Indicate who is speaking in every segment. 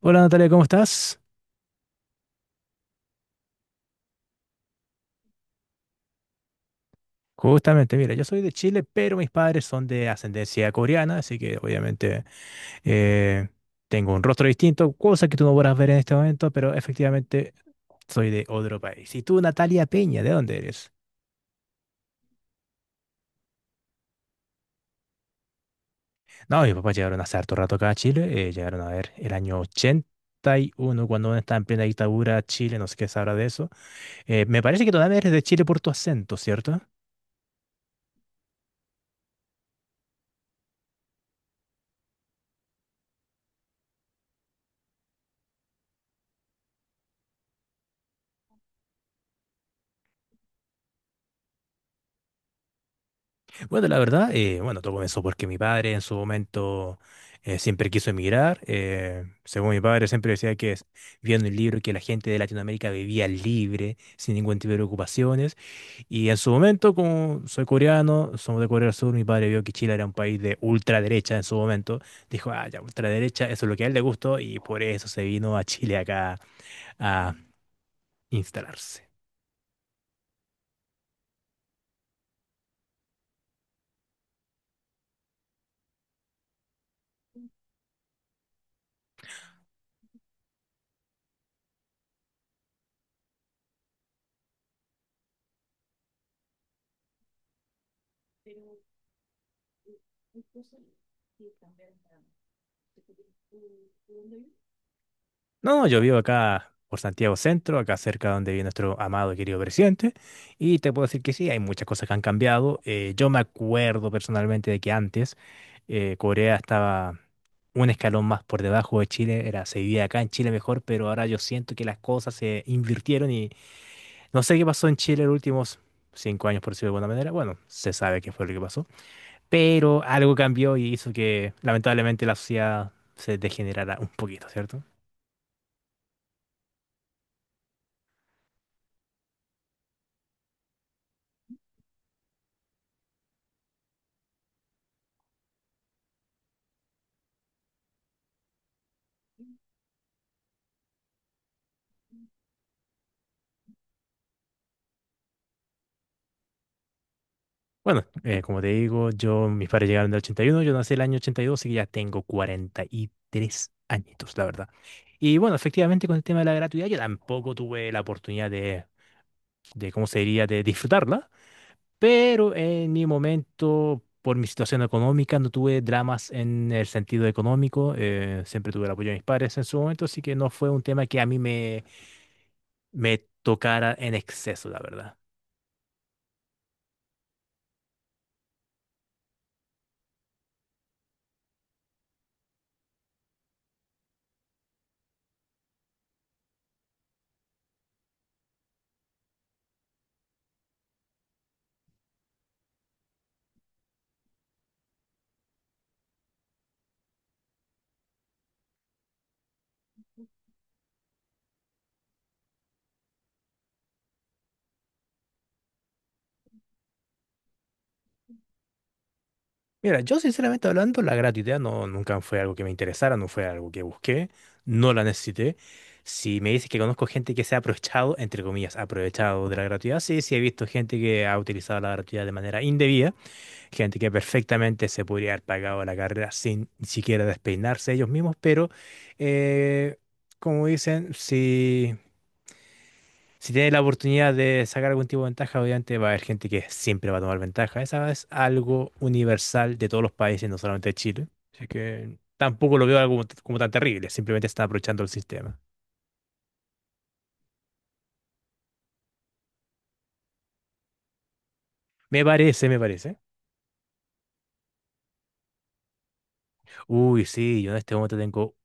Speaker 1: Hola Natalia, ¿cómo estás? Justamente, mira, yo soy de Chile, pero mis padres son de ascendencia coreana, así que obviamente eh, tengo un rostro distinto, cosa que tú no podrás ver en este momento, pero efectivamente soy de otro país. ¿Y tú, Natalia Peña, de dónde eres? No, mis papás llegaron hace harto rato acá a Chile, llegaron a ver el año 81, cuando uno está en plena dictadura, Chile, no sé qué sabrá de eso. Me parece que todavía eres de Chile por tu acento, ¿cierto? Bueno, la verdad, bueno, todo comenzó porque mi padre en su momento siempre quiso emigrar. Según mi padre siempre decía que vio en el libro que la gente de Latinoamérica vivía libre, sin ningún tipo de ocupaciones. Y en su momento, como soy coreano, somos de Corea del Sur, mi padre vio que Chile era un país de ultraderecha en su momento. Dijo, ah, ya, ultraderecha, eso es lo que a él le gustó y por eso se vino a Chile acá a instalarse. No, yo vivo acá por Santiago Centro, acá cerca donde vive nuestro amado y querido presidente, y te puedo decir que sí, hay muchas cosas que han cambiado. Yo me acuerdo personalmente de que antes Corea estaba un escalón más por debajo de Chile, era, se vivía acá en Chile mejor, pero ahora yo siento que las cosas se invirtieron y no sé qué pasó en Chile los últimos 5 años, por decirlo de alguna manera. Bueno, se sabe qué fue lo que pasó, pero algo cambió y hizo que lamentablemente la sociedad se degenerara un poquito, ¿cierto? Bueno, como te digo, yo, mis padres llegaron en el 81, yo nací el año 82, así que ya tengo 43 añitos, la verdad. Y bueno, efectivamente con el tema de la gratuidad yo tampoco tuve la oportunidad de ¿cómo se diría?, de disfrutarla, pero en mi momento, por mi situación económica, no tuve dramas en el sentido económico, siempre tuve el apoyo de mis padres en su momento, así que no fue un tema que a mí me, me tocara en exceso, la verdad. Mira, yo sinceramente hablando, la gratuidad no, nunca fue algo que me interesara, no fue algo que busqué, no la necesité. Si me dices que conozco gente que se ha aprovechado, entre comillas, aprovechado de la gratuidad, sí, sí he visto gente que ha utilizado la gratuidad de manera indebida, gente que perfectamente se podría haber pagado la carrera sin ni siquiera despeinarse ellos mismos, pero eh, como dicen, si tienes la oportunidad de sacar algún tipo de ventaja, obviamente va a haber gente que siempre va a tomar ventaja. Esa es algo universal de todos los países, no solamente de Chile. Así que tampoco lo veo algo como, como tan terrible, simplemente están aprovechando el sistema. Me parece, me parece. Uy, sí, yo en este momento tengo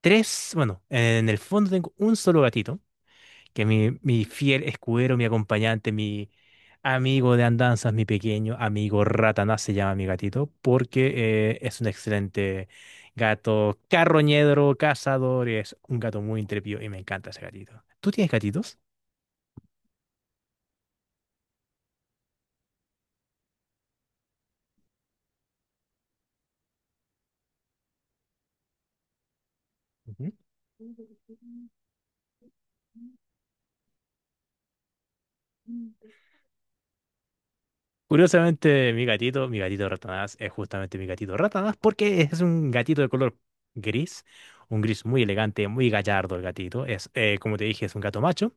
Speaker 1: tres, bueno, en el fondo tengo un solo gatito, que mi fiel escudero, mi acompañante, mi amigo de andanzas, mi pequeño amigo Ratanás se llama mi gatito, porque es un excelente gato carroñedro, cazador, es un gato muy intrépido y me encanta ese gatito. ¿Tú tienes gatitos? Ujú. Curiosamente, mi gatito Ratanás, es justamente mi gatito Ratanás porque es un gatito de color gris, un gris muy elegante, muy gallardo el gatito. Es, como te dije, es un gato macho,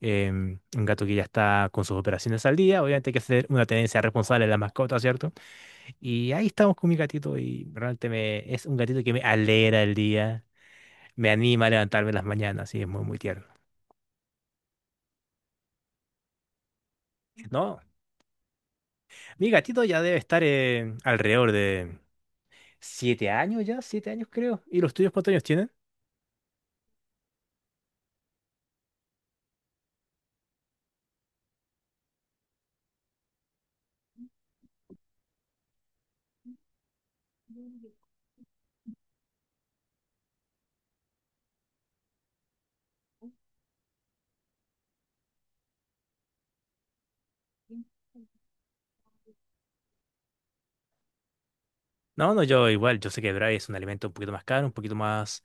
Speaker 1: un gato que ya está con sus operaciones al día. Obviamente hay que hacer una tenencia responsable de la mascota, ¿cierto? Y ahí estamos con mi gatito y realmente me, es un gatito que me alegra el día, me anima a levantarme en las mañanas y es muy, muy tierno. No, mi gatito ya debe estar alrededor de... 7 años ya, 7 años creo. ¿Y los tuyos cuántos años tienen? No, no, yo igual, yo sé que Braille es un alimento un poquito más caro, un poquito más,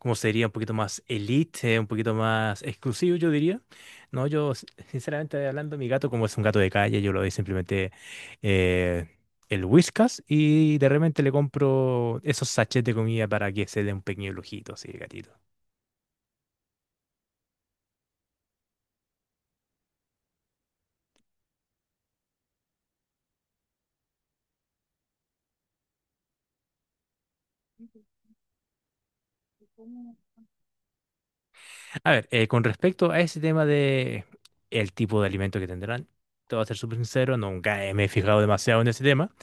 Speaker 1: ¿cómo sería? Un poquito más elite, un poquito más exclusivo, yo diría. No, yo, sinceramente hablando, mi gato, como es un gato de calle, yo lo doy simplemente eh, el Whiskas y de repente le compro esos sachets de comida para que se dé un pequeño lujito, así, el gatito. A ver, con respecto a ese tema de el tipo de alimento que tendrán, te voy a ser súper sincero, nunca me he fijado demasiado en ese tema.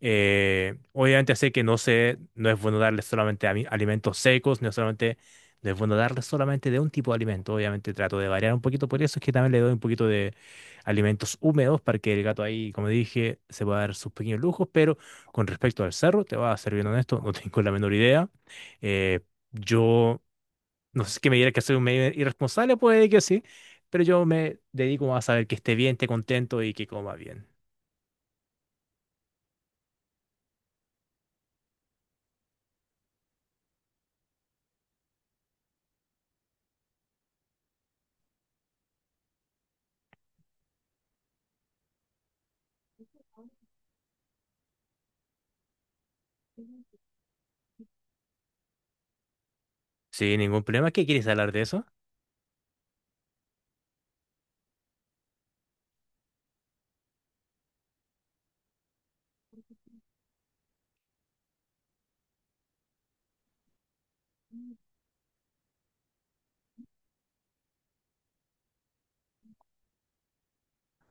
Speaker 1: Obviamente sé que no sé, no es bueno darles solamente alimentos secos, no es solamente, no es bueno darles solamente de un tipo de alimento. Obviamente trato de variar un poquito, por eso es que también le doy un poquito de alimentos húmedos para que el gato ahí, como dije, se pueda dar sus pequeños lujos. Pero con respecto al cerro, te voy a ser bien honesto, no tengo la menor idea. Eh, yo no sé qué me dirá que soy un medio irresponsable, puede que sí, pero yo me dedico más a saber que esté bien, esté contento y que coma bien. Sí, ningún problema. ¿Qué quieres hablar de eso?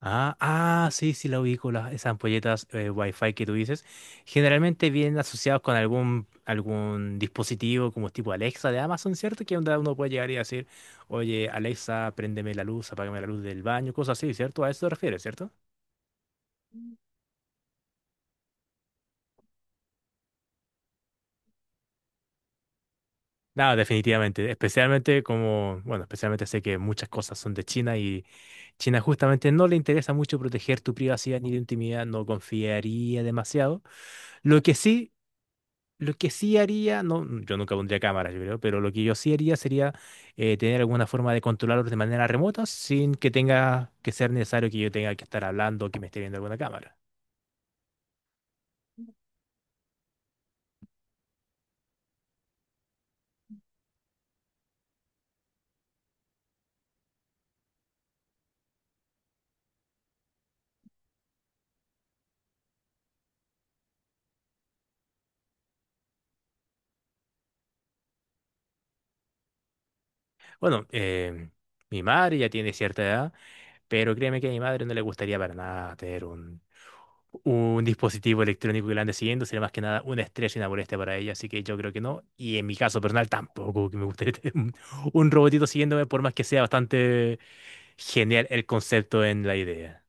Speaker 1: Ah, ah, sí, sí, la ubico, las, esas ampolletas Wi-Fi que tú dices. Generalmente vienen asociados con algún, algún dispositivo como tipo Alexa de Amazon, ¿cierto? Que onda uno puede llegar y decir, oye, Alexa, préndeme la luz, apágame la luz del baño, cosas así, ¿cierto? A eso te refieres, ¿cierto? No, definitivamente. Especialmente como, bueno, especialmente sé que muchas cosas son de China y China justamente no le interesa mucho proteger tu privacidad ni tu intimidad, no confiaría demasiado. Lo que sí, lo que sí haría, no, yo nunca pondría cámaras, yo creo, pero lo que yo sí haría sería tener alguna forma de controlarlos de manera remota sin que tenga que ser necesario que yo tenga que estar hablando o que me esté viendo alguna cámara. Bueno, mi madre ya tiene cierta edad. Pero créeme que a mi madre no le gustaría para nada tener un dispositivo electrónico que la ande siguiendo, sería más que nada una estrés y una molestia para ella, así que yo creo que no. Y en mi caso personal tampoco que me gustaría tener un robotito siguiéndome, por más que sea bastante genial el concepto en la idea.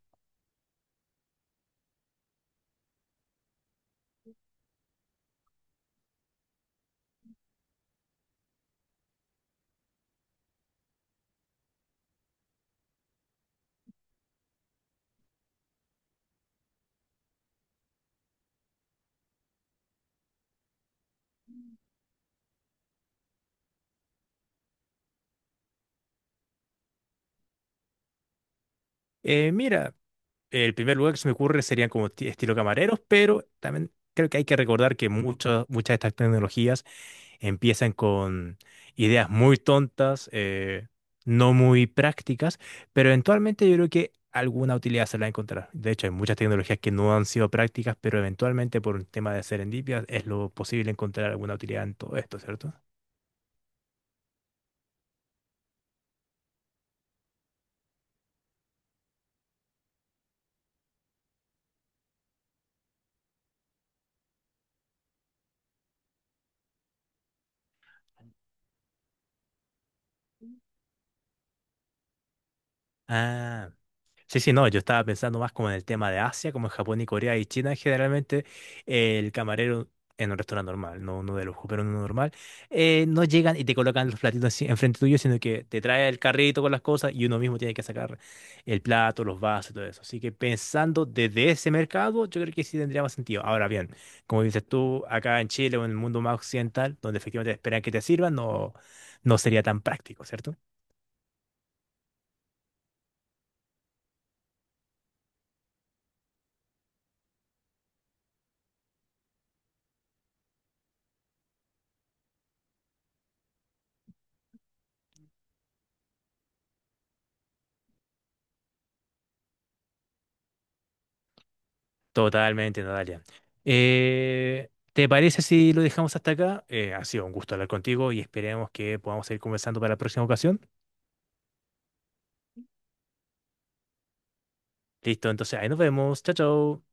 Speaker 1: Mira, el primer lugar que se me ocurre serían como estilo camareros, pero también creo que hay que recordar que muchas de estas tecnologías empiezan con ideas muy tontas, no muy prácticas, pero eventualmente yo creo que alguna utilidad se la va a encontrar. De hecho, hay muchas tecnologías que no han sido prácticas, pero eventualmente por un tema de serendipia es lo posible encontrar alguna utilidad en todo esto, ¿cierto? Ah, Sí, sí, no, yo estaba pensando más como en el tema de Asia, como en Japón y Corea y China, generalmente el camarero en un restaurante normal, no uno de lujo, pero en uno normal, no llegan y te colocan los platitos así enfrente tuyo, sino que te trae el carrito con las cosas y uno mismo tiene que sacar el plato, los vasos y todo eso. Así que pensando desde ese mercado, yo creo que sí tendría más sentido. Ahora bien, como dices tú, acá en Chile o en el mundo más occidental, donde efectivamente esperan que te sirvan, no, no sería tan práctico, ¿cierto? Totalmente, Natalia. ¿Te parece si lo dejamos hasta acá? Ha sido un gusto hablar contigo y esperemos que podamos seguir conversando para la próxima ocasión. Listo, entonces ahí nos vemos. Chao, chao.